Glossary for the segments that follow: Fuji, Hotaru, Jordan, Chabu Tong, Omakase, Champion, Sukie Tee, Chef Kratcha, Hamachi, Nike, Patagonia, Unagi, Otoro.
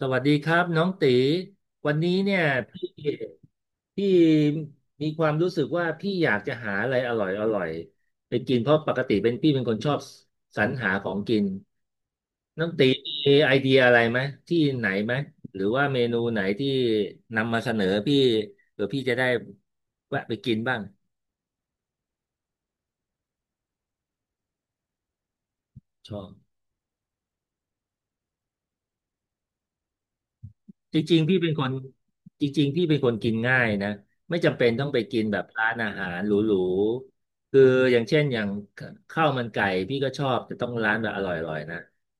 สวัสดีครับน้องตีวันนี้เนี่ยพี่พี่มีความรู้สึกว่าพี่อยากจะหาอะไรอร่อยอร่อยไปกินเพราะปกติเป็นพี่เป็นคนชอบสรรหาของกินน้องตีมีไอเดียอะไรไหมที่ไหนไหมหรือว่าเมนูไหนที่นำมาเสนอพี่เผื่อพี่จะได้แวะไปกินบ้างชอบ จริงๆพี่เป็นคนจริงๆพี่เป็นคนกินง่ายนะไม่จำเป็นต้องไปกินแบบร้านอาหารหรูๆคืออย่างเช่นอย่างข้าวมันไก่พี่ก็ชอบแต่ต้องร้านแบบอร่อยๆนะ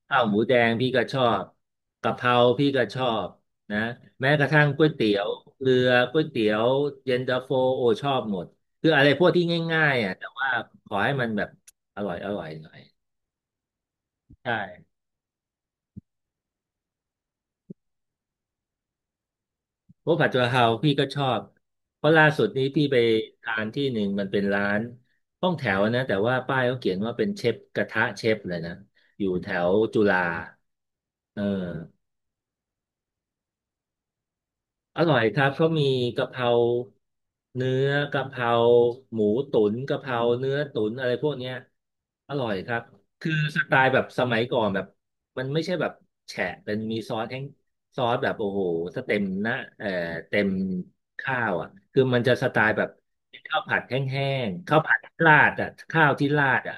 ข้าวหมูแดงพี่ก็ชอบกะเพราพี่ก็ชอบนะแม้กระทั่งก๋วยเตี๋ยวเรือก๋วยเตี๋ยวเย็นตาโฟโอชอบหมดคืออะไรพวกที่ง่ายๆอ่ะแต่ว่าขอให้มันแบบอร่อยอร่อยหน่อยใช่ เพวกผัดกะเพราพี่ก็ชอบเพราะล่าสุดนี้พี่ไปทานที่หนึ่งมันเป็นร้านห้องแถวนะแต่ว่าป้ายเขาเขียนว่าเป็นเชฟกระทะเชฟเลยนะอยู่แถวจุฬาเอออร่อยครับเขามีกะเพราเนื้อกะเพราหมูตุ๋นกะเพราเนื้อตุ๋นอะไรพวกเนี้ยอร่อยครับ คือสไตล์แบบสมัยก่อนแบบมันไม่ใช่แบบแฉะเป็นมีซอสแห้งซอสแบบโอ้โหสเต็มหนะเต็มข้าวอ่ะคือมันจะสไตล์แบบข้าวผัดแห้งๆข้าวผัดราดอ่ะข้าวที่ราดอ่ะ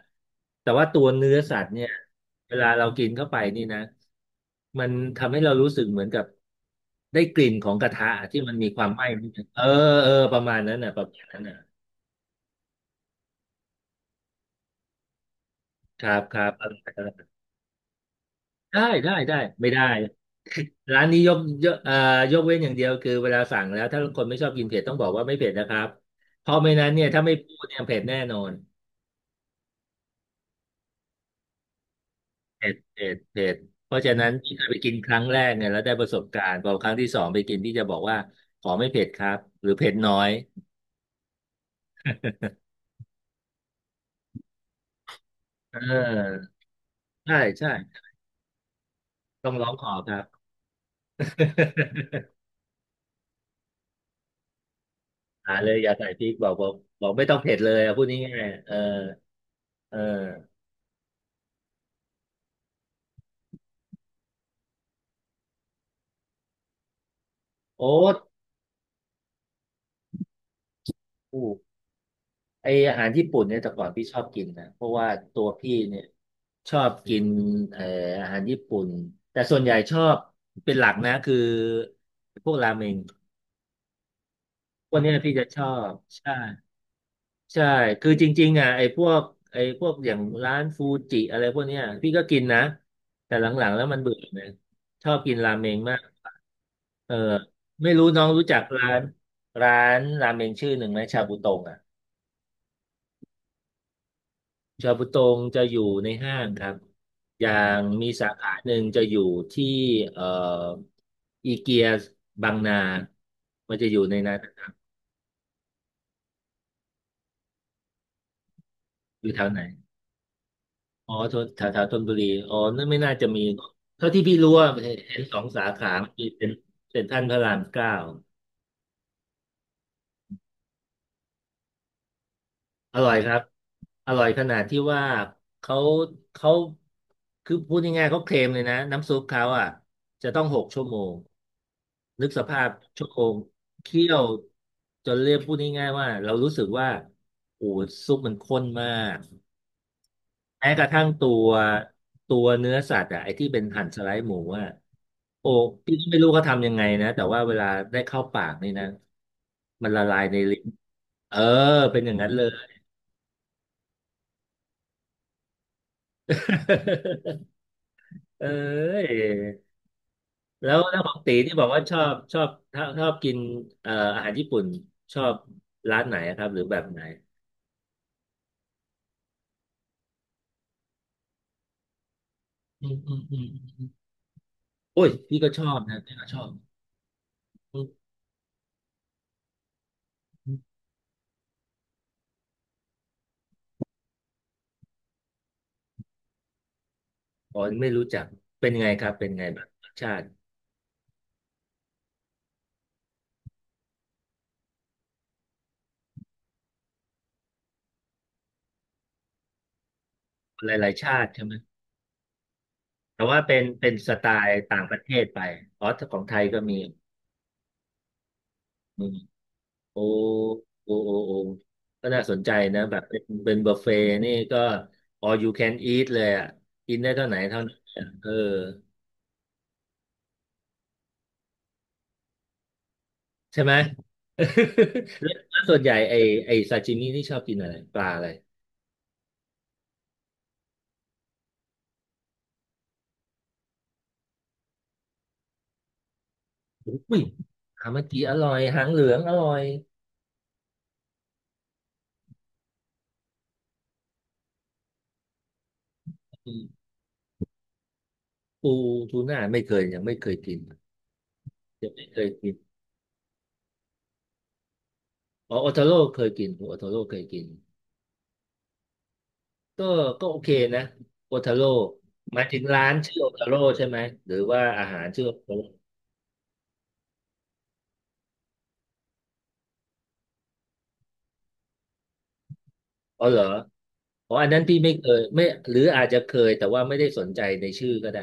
แต่ว่าตัวเนื้อสัตว์เนี่ยเวลาเรากินเข้าไปนี่นะมันทำให้เรารู้สึกเหมือนกับได้กลิ่นของกระทะที่มันมีความไหม้นิดนึงเออเออประมาณนั้นน่ะประมาณนั้นน่ะครับครับ ได้ได้ได้ไม่ได้ ร้านนี้ยกยกเอ่อยกเว้นอย่างเดียวคือเวลาสั่งแล้วถ้าคนไม่ชอบกินเผ็ดต้องบอกว่าไม่เผ็ดนะครับเพราะไม่นั้นเนี่ยถ้าไม่พูดเนี่ยเผ็ดแน่นอนเผ็ดเผ็ดเผ็ดเพราะฉะนั้นที่เคยไปกินครั้งแรกเนี่ยแล้วได้ประสบการณ์พอครั้งที่สองไปกินที่จะบอกว่าขอไม่เผ็ดครับหรือเผ็ดน้อยเออใช่ใช่ต้องร้องขอครับ หาเลยอย่าใส่พริกบอกไม่ต้องเผ็ดเลยอะพูดง่ายๆเออเออโอ๊ต ไออาหารญี่ปุ่นเนี่ยแต่ก่อนพี่ชอบกินนะเพราะว่าตัวพี่เนี่ยชอบกินเอ่ออาหารญี่ปุ่นแต่ส่วนใหญ่ชอบเป็นหลักนะคือพวกราเมงพวกเนี้ยพี่จะชอบใช่ใช่คือจริงๆอ่ะไอ้พวกอย่างร้านฟูจิอะไรพวกเนี้ยพี่ก็กินนะแต่หลังๆแล้วมันเบื่อเลยชอบกินราเมงมากเออไม่รู้น้องรู้จักร้านราเมงชื่อหนึ่งไหมชาบูตงอ่ะ ชาบูตรงจะอยู่ในห้างครับอย่างมีสาขาหนึ่งจะอยู่ที่เอ่ออีเกียบางนา มันจะอยู่ในนั้นนะครับอยู่แถวไหน อ๋อทนแถวแถวธนบุรี อ๋อนั่นไม่น่าจะมีเท่าที่พี่รู้ว่าเห็นสองสาขามนมีเป็นเซ็นทรัลพระรามเก้า อร่อยครับอร่อยขนาดที่ว่าเขาเขาคือพูดง่ายๆเขาเคลมเลยนะน้ำซุปเขาอ่ะจะต้องหกชั่วโมงนึกสภาพชั่วโมงเคี่ยวจนเรียกพูดง่ายๆว่าเรารู้สึกว่าโอ้ซุปมันข้นมากแม้กระทั่งตัวเนื้อสัตว์อ่ะไอ้ที่เป็นหั่นสไลด์หมูอ่ะโอ้พี่ก็ไม่รู้เขาทำยังไงนะแต่ว่าเวลาได้เข้าปากนี่นะมันละลายในลิ้นเออเป็นอย่างนั้นเลย เอ้ยแล้วแล้วของตีที่บอกว่าชอบกินอาหารญี่ปุ่นชอบร้านไหนอะครับหรือแบบไหนอืมอืมอืมอืมโอ้ยพี่ก็ชอบนะพี่ก็ชอบอืมอืมอ๋อไม่รู้จักเป็นไงครับเป็นไงแบบรสชาติหลายๆชาติใช่ไหมแต่ว่าเป็นสไตล์ต่างประเทศไปอ๋อแต่ของไทยก็มี โอ้โอ้โอ้ โอ้ ก็น่าสนใจนะแบบเป็นบุฟเฟ่ต์นี่ก็ all you can eat เลยอ่ะ กินได้เท่าไหนเท่านั้นอะเออใช่ไหม ส่วนใหญ่ไอซาชิมินี่ชอบกินอะไรปลาอะไร อุ้ยฮามาจิอร่อยหางเหลืองอร่อย ปูทูน่าไม่เคยยังไม่เคยกินยังไม่เคยกินอ๋อโอทาโร่เคยกินโอทาโร่เคยกิน ก็โอเคนะโอทาโร่หมายถึงร้านชื่อโอทาโร่ใช่ไหมหรือว่าอาหารชื่อโอทาโร่ อ๋อเหรออ๋ออันนั้นพี่ไม่เคยไม่หรืออาจจะเคยแต่ว่าไม่ได้สนใจในชื่อก็ได้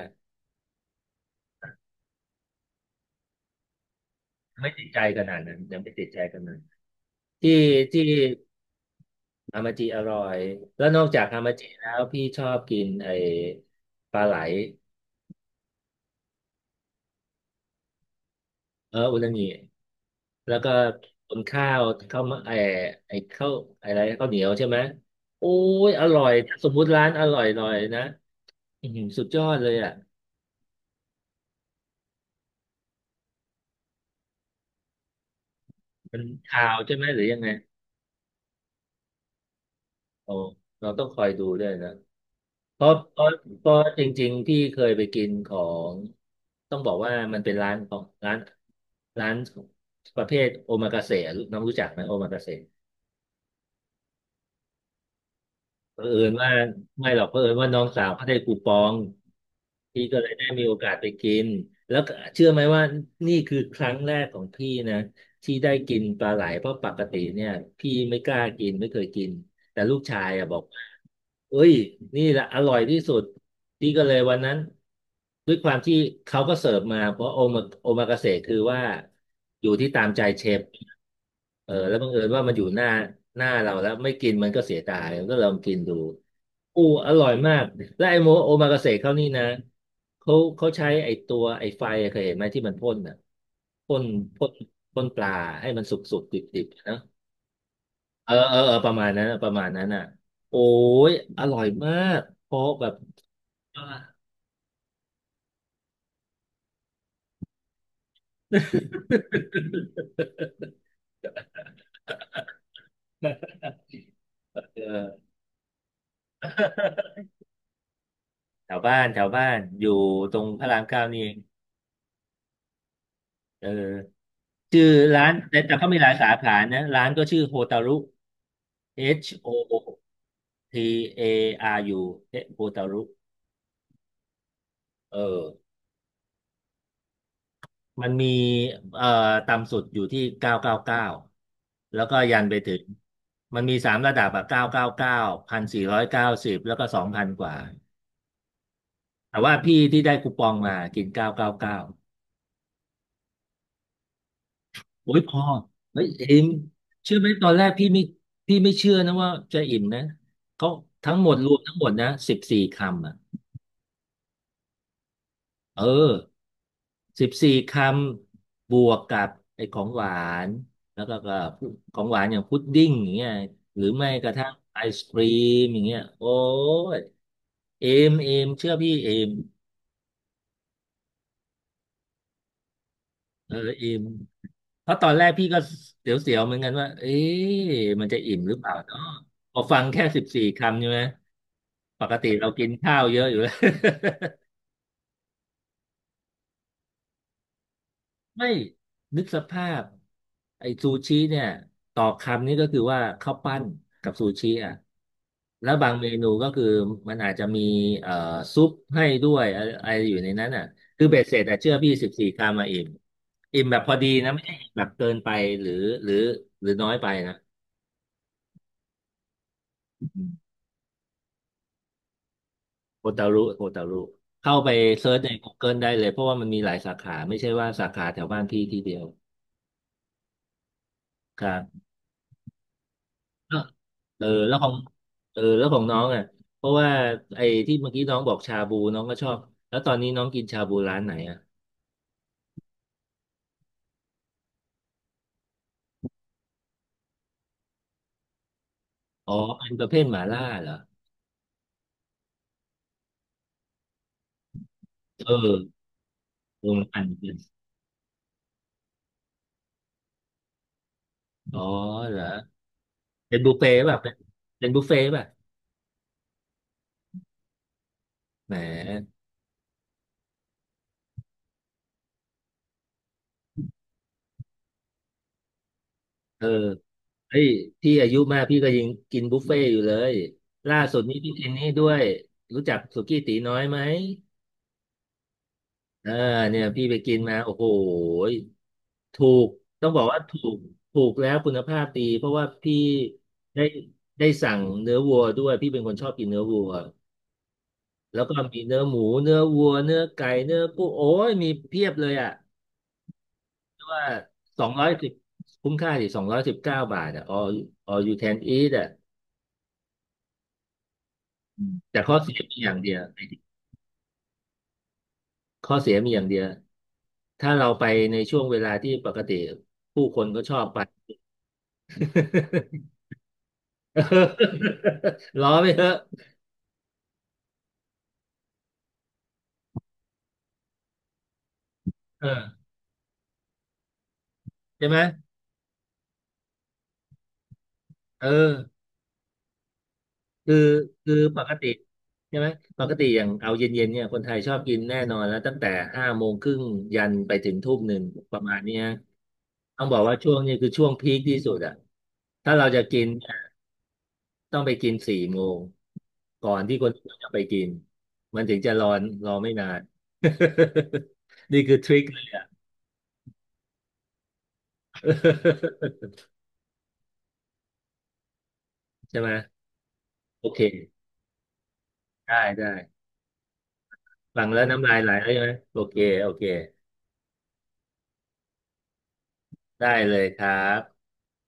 ไม่ติดใจขนาดนั้นยังไม่ติดใจขนาดนั้นที่ที่ฮามาจิอร่อยแล้วนอกจากฮามาจิแล้วพี่ชอบกินไอ้ปลาไหลเอออุนางิแล้วก็ตุนข้าวข้าวมะไอ้ไอ้ข้าวอะไรข้าวเหนียวใช่ไหมโอ้ยอร่อยสมมุติร้านอร่อยหน่อยนะอื้อหือสุดยอดเลยอ่ะมันข่าวใช่ไหมหรือยังไงโอ้เราต้องคอยดูด้วยนะ เพราะเพราะเพราะจริงๆพี่เคยไปกินของต้องบอกว่ามันเป็นร้านของร้านร้านประเภทโอมากาเสะน้องรู้จักไหมโอมากาเสะ เผอิญว่าไม่หรอกเผอิญว่าน้องสาวเขาได้คูปองพี่ก็เลยได้มีโอกาสไปกินแล้วก็เชื่อไหมว่านี่คือครั้งแรกของพี่นะที่ได้กินปลาไหลเพราะปกติเนี่ยพี่ไม่กล้ากินไม่เคยกินแต่ลูกชายอะบอกว่าเอ้ยนี่แหละอร่อยที่สุดพี่ก็เลยวันนั้นด้วยความที่เขาก็เสิร์ฟมาเพราะโอมากาเสะคือว่าอยู่ที่ตามใจเชฟ เออแล้วบังเอิญว่ามันอยู่หน้าเราแล้วไม่กินมันก็เสียดายก็ลองกินดูอู้อร่อยมากและไอโมโอมากาเสะเขานี่นะเขาเขาใช้ไอตัวไอไฟอะเคยเห็นไหมที่มันพ่นอ่ะพ่นพ่นพ่นปลาให้มันสุกสุกดิบดิบๆนะเออเออเออประมาณนั้นอ่ะโอ้ยอร่อยมากเพราะแบบ เออ แถวบ้านอยู่ตรงพระราม 9นี่เองเออ ชื่อร้านแต่เขามีหลายสาขานะร้านก็ชื่อโฮตารุ Hotaru เอ๊ะโฮตารุเออมันมีเอ่อต่ำสุดอยู่ที่เก้าร้อยเก้าสิบเก้าแล้วก็ยันไปถึงมันมีสามระดับอะเก้าร้อยเก้าสิบเก้า1,490แล้วก็2,000กว่าแต่ว่าพี่ที่ได้คูปองมากินเก้าร้อยเก้าสิบเก้า โอ้ยพอเฮ้ยเอมเชื่อไหมตอนแรกพี่ไม่เชื่อนะว่าจะอิ่มนะเขาทั้งหมดรวมทั้งหมดนะสิบสี่คำอ่ะเออสิบสี่คำบวกกับไอ้ของหวานแล้วก็กับของหวานอย่างพุดดิ้งอย่างเงี้ยหรือไม่กระทั่งไอศกรีมอย่างเงี้ยโอ้ยเอมเอมเชื่อพี่เอมเออเอม เพราะตอนแรกพี่ก็เสียวๆเหมือนกันว่าเอ๊ะมันจะอิ่มหรือเปล่าเนาะพอฟังแค่สิบสี่คำใช่ไหม ปกติเรากินข้าวเยอะอยู่แล้ว ไม่นึกสภาพไอ้ซูชิเนี่ยต่อคำนี่ก็คือว่าข้าวปั้นกับซูชิอ่ะแล้วบางเมนูก็คือมันอาจจะมีเอ่อซุปให้ด้วยอะไรอะไรอยู่ในนั้นอ่ะคือเบ็ดเสร็จอ่ะเชื่อพี่สิบสี่คำมาอิ่ม อิ่มแบบพอดีนะไม่ใช่แบบเกินไปหรือหรือหรือน้อยไปนะ โอตารุเข้าไปเซิร์ชใน Google ได้เลยเพราะว่ามันมีหลายสาขาไม่ใช่ว่าสาขาแถวบ้านพี่ที่เดียวครับแล้วเออแล้วของน้องอ่ะเพราะว่าไอ้ที่เมื่อกี้น้องบอกชาบูน้องก็ชอบแล้วตอนนี้น้องกินชาบูร้านไหนอ่ะอ๋อเป็นประเภทหม่าล่าเหรอเออโรงอันเป็นอ๋อเหรอเป็นบุฟเฟ่ต์ป่ะเป็นเป็นบุฟเฟ่ต์ป่ะแหมเออ เฮ้ยพี่อายุมากพี่ก็ยังกินบุฟเฟ่ต์อยู่เลยล่าสุดนี้พี่กินนี่ด้วยรู้จักสุกี้ตีน้อยไหมเออเนี่ยพี่ไปกินมาโอ้โหยถูกต้องบอกว่าถูกถูกแล้วคุณภาพดีเพราะว่าพี่ได้ได้สั่งเนื้อวัวด้วยพี่เป็นคนชอบกินเนื้อวัวแล้วก็มีเนื้อหมูเนื้อวัวเนื้อไก่เนื้อกุ้งโอ้ยมีเพียบเลยอ่ะว่าสองร้อยสิบคุ้มค่าสิ219 บาทอ่ะ all you can eat อ่ะอืมแต่ข้อเสียมีอย่างเดียว ข้อเสียมีอย่างเดียว ถ้าเราไปในช่วงเวลาที่ปกติผู้คนก็ชอบไป เออล้อไปเถอะเออใช่ไหมเออคือคือปกติใช่ไหมปกติอย่างเอาเย็นๆเนี่ยคนไทยชอบกินแน่นอนแล้วตั้งแต่5 โมงครึ่งยันไปถึง1 ทุ่มประมาณเนี้ยต้องบอกว่าช่วงนี้คือช่วงพีคที่สุดอะถ้าเราจะกิน ต้องไปกิน4 โมงก่อนที่คนอื่นจะไปกินมันถึงจะรอไม่นาน นี่คือทริคเลยอ่ะ ใช่ไหมโอเคได้ฟังแล้วน้ำลายไหลแล้วใช่ไหมโอเคโอเคได้เลยครับ